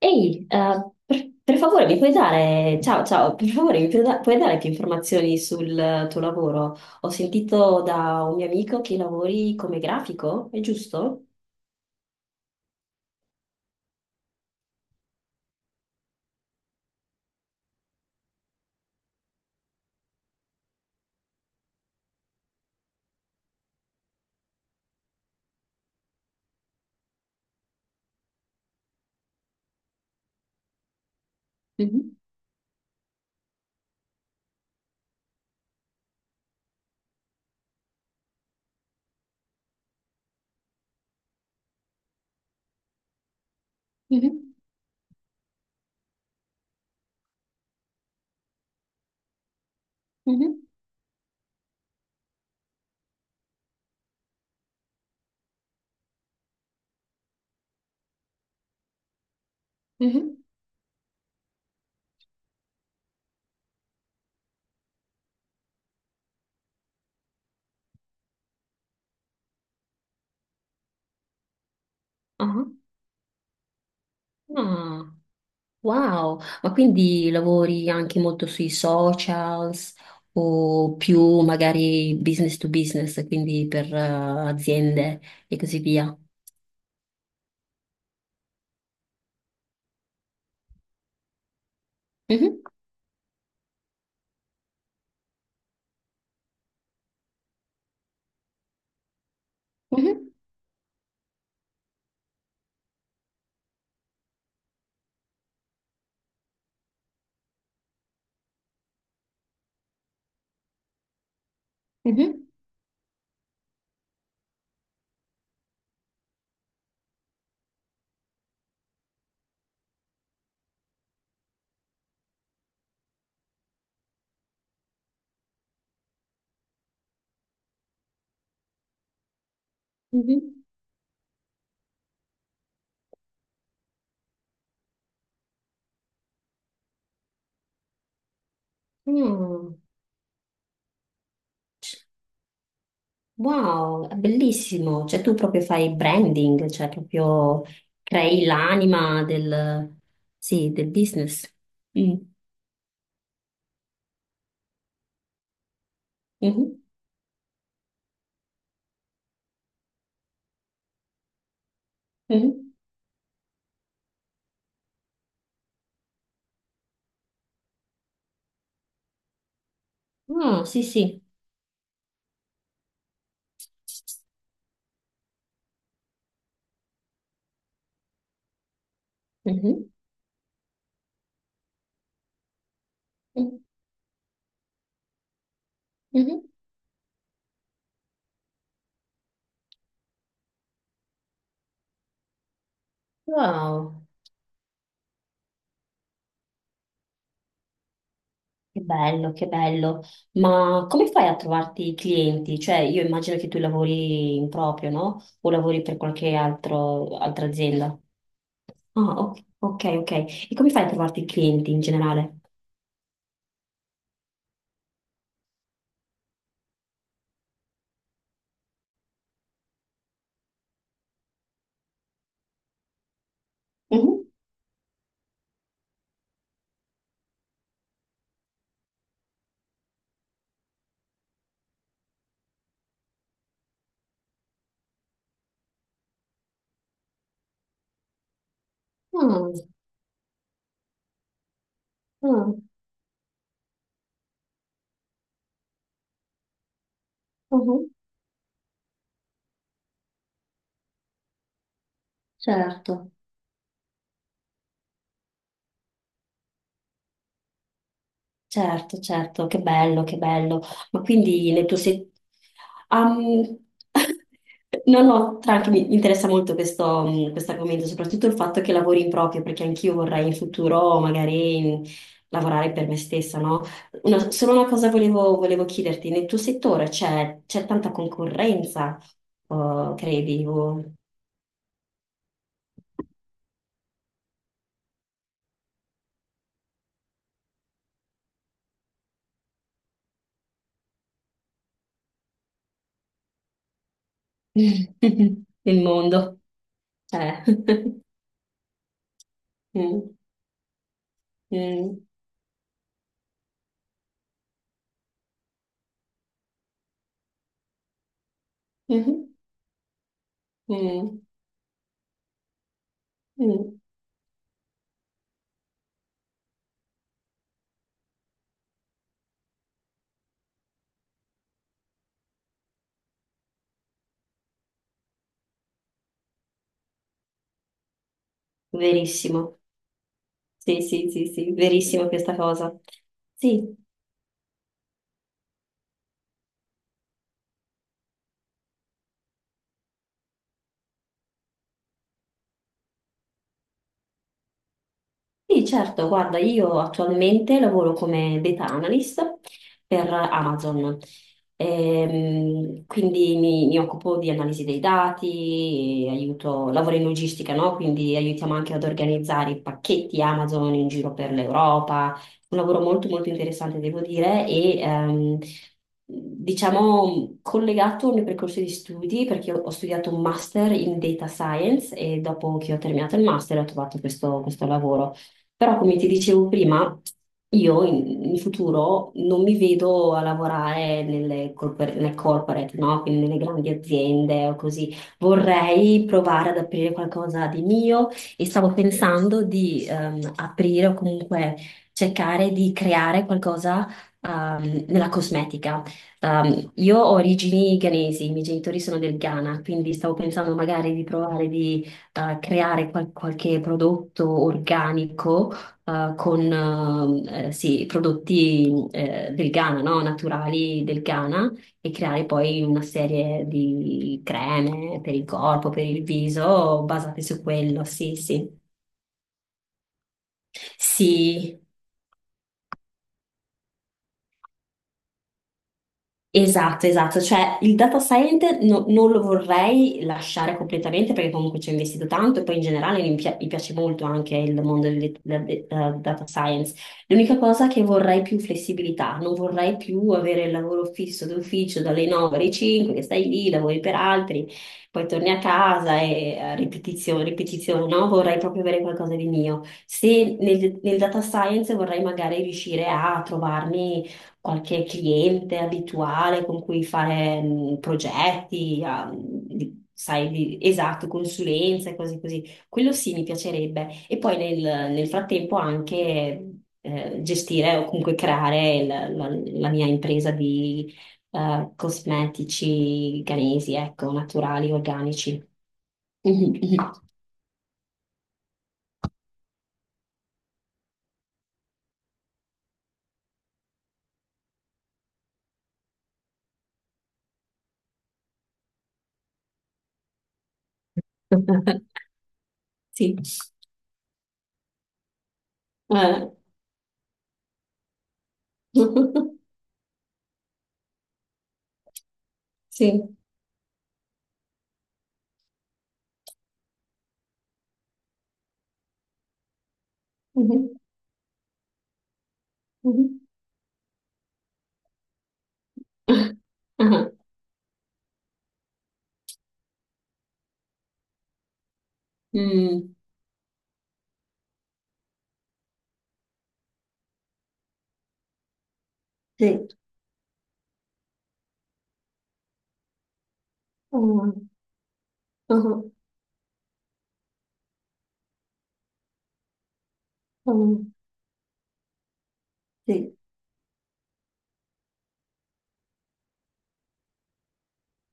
Ehi, per favore mi puoi dare, ciao, ciao, per favore mi puoi, puoi dare più informazioni sul tuo lavoro? Ho sentito da un mio amico che lavori come grafico, è giusto? Mhm, mhm, mhm, mhm. Ah, ah, wow, ma quindi lavori anche molto sui socials o più magari business to business, quindi per aziende e così via? Mhm, mhm, mhm, mhm. Mm. Wow, è bellissimo. Cioè tu proprio fai branding, cioè proprio crei l'anima del, sì, del business. Mm. Mhm, mhm. Ah, sì, sì. Mhm, mhm, mhm. Wow, che bello, che bello. Ma come fai a trovarti i clienti? Cioè io immagino che tu lavori in proprio, no? O lavori per qualche altra azienda. Ah, ok, ok, ok. E come fai a trovarti i clienti in generale? Mhm. Ah, mhm, certo, certo, certo, che bello, che bello. Ma quindi le tue se... Am- No, no, tranqui, mi interessa molto questo argomento, soprattutto il fatto che lavori in proprio, perché anch'io vorrei in futuro magari lavorare per me stessa, no? Solo una cosa volevo chiederti, nel tuo settore c'è tanta concorrenza, oh, credi, o- nel mondo? Eh. Mm, mm. Mhm. Mm. Mm. Verissimo. Sì, sì, sì, sì, verissimo questa cosa. Sì, sì, certo, guarda, io attualmente lavoro come data analyst per Amazon. Quindi mi occupo di analisi dei dati, aiuto, lavoro in logistica, no? Quindi aiutiamo anche ad organizzare i pacchetti Amazon in giro per l'Europa, un lavoro molto molto interessante devo dire, e diciamo collegato al mio percorso di studi, perché ho studiato un master in data science e dopo che ho terminato il master ho trovato questo lavoro. Però, come ti dicevo prima, io in futuro non mi vedo a lavorare nelle corporate, no? Quindi nelle grandi aziende o così. Vorrei provare ad aprire qualcosa di mio e stavo pensando di aprire o comunque cercare di creare qualcosa nella cosmetica. Io ho origini ghanesi, i miei genitori sono del Ghana, quindi stavo pensando magari di provare di creare qualche prodotto organico con sì, prodotti del Ghana, no? Naturali del Ghana, e creare poi una serie di creme per il corpo, per il viso, basate su quello, sì, sì. Sì, esatto, esatto, cioè il data scientist non lo vorrei lasciare completamente perché comunque ci ho investito tanto e poi in generale mi piace molto anche il mondo del data science. L'unica cosa è che vorrei più flessibilità, non vorrei più avere il lavoro fisso d'ufficio dalle 9 alle 5, che stai lì, lavori per altri, poi torni a casa e ripetizione, ripetizione, no? Vorrei proprio avere qualcosa di mio. Se nel data science vorrei magari riuscire a trovarmi qualche cliente abituale con cui fare progetti, sai, esatto, consulenze, cose così. Quello sì, mi piacerebbe. E poi nel frattempo anche gestire o comunque creare la mia impresa di cosmetici ghanesi, ecco, naturali, organici. Mhm, mhm. Sì. Eh. Sì. Mhm, mhm. Ah, mm, sì. Ừ. Ừ. Ừ. Sì.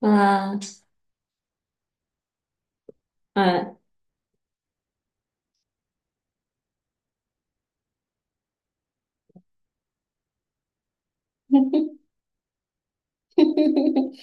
Ah, eh.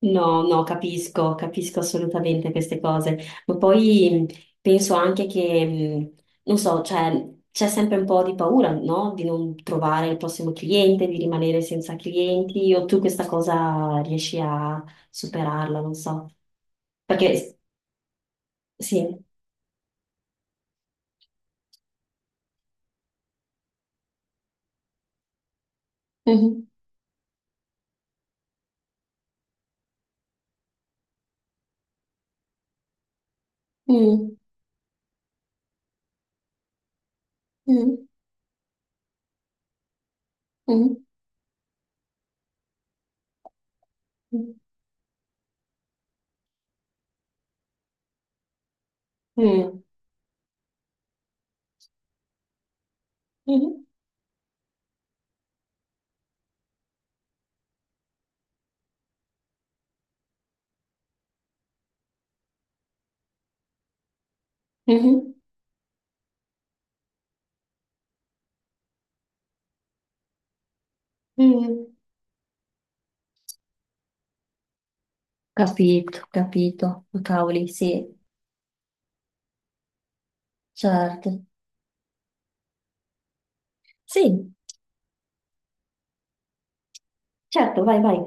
No, no, capisco, capisco assolutamente queste cose, ma poi penso anche che, non so, cioè, c'è sempre un po' di paura, no? Di non trovare il prossimo cliente, di rimanere senza clienti, o tu questa cosa riesci a superarla, non so. Perché, sì. Mhm. Mm. Mm. Mm. Mm. Mm. Mhm. Mhm. Mm. Capito, capito. Oh, cavoli, sì, certo. Sì, certo, vai, vai.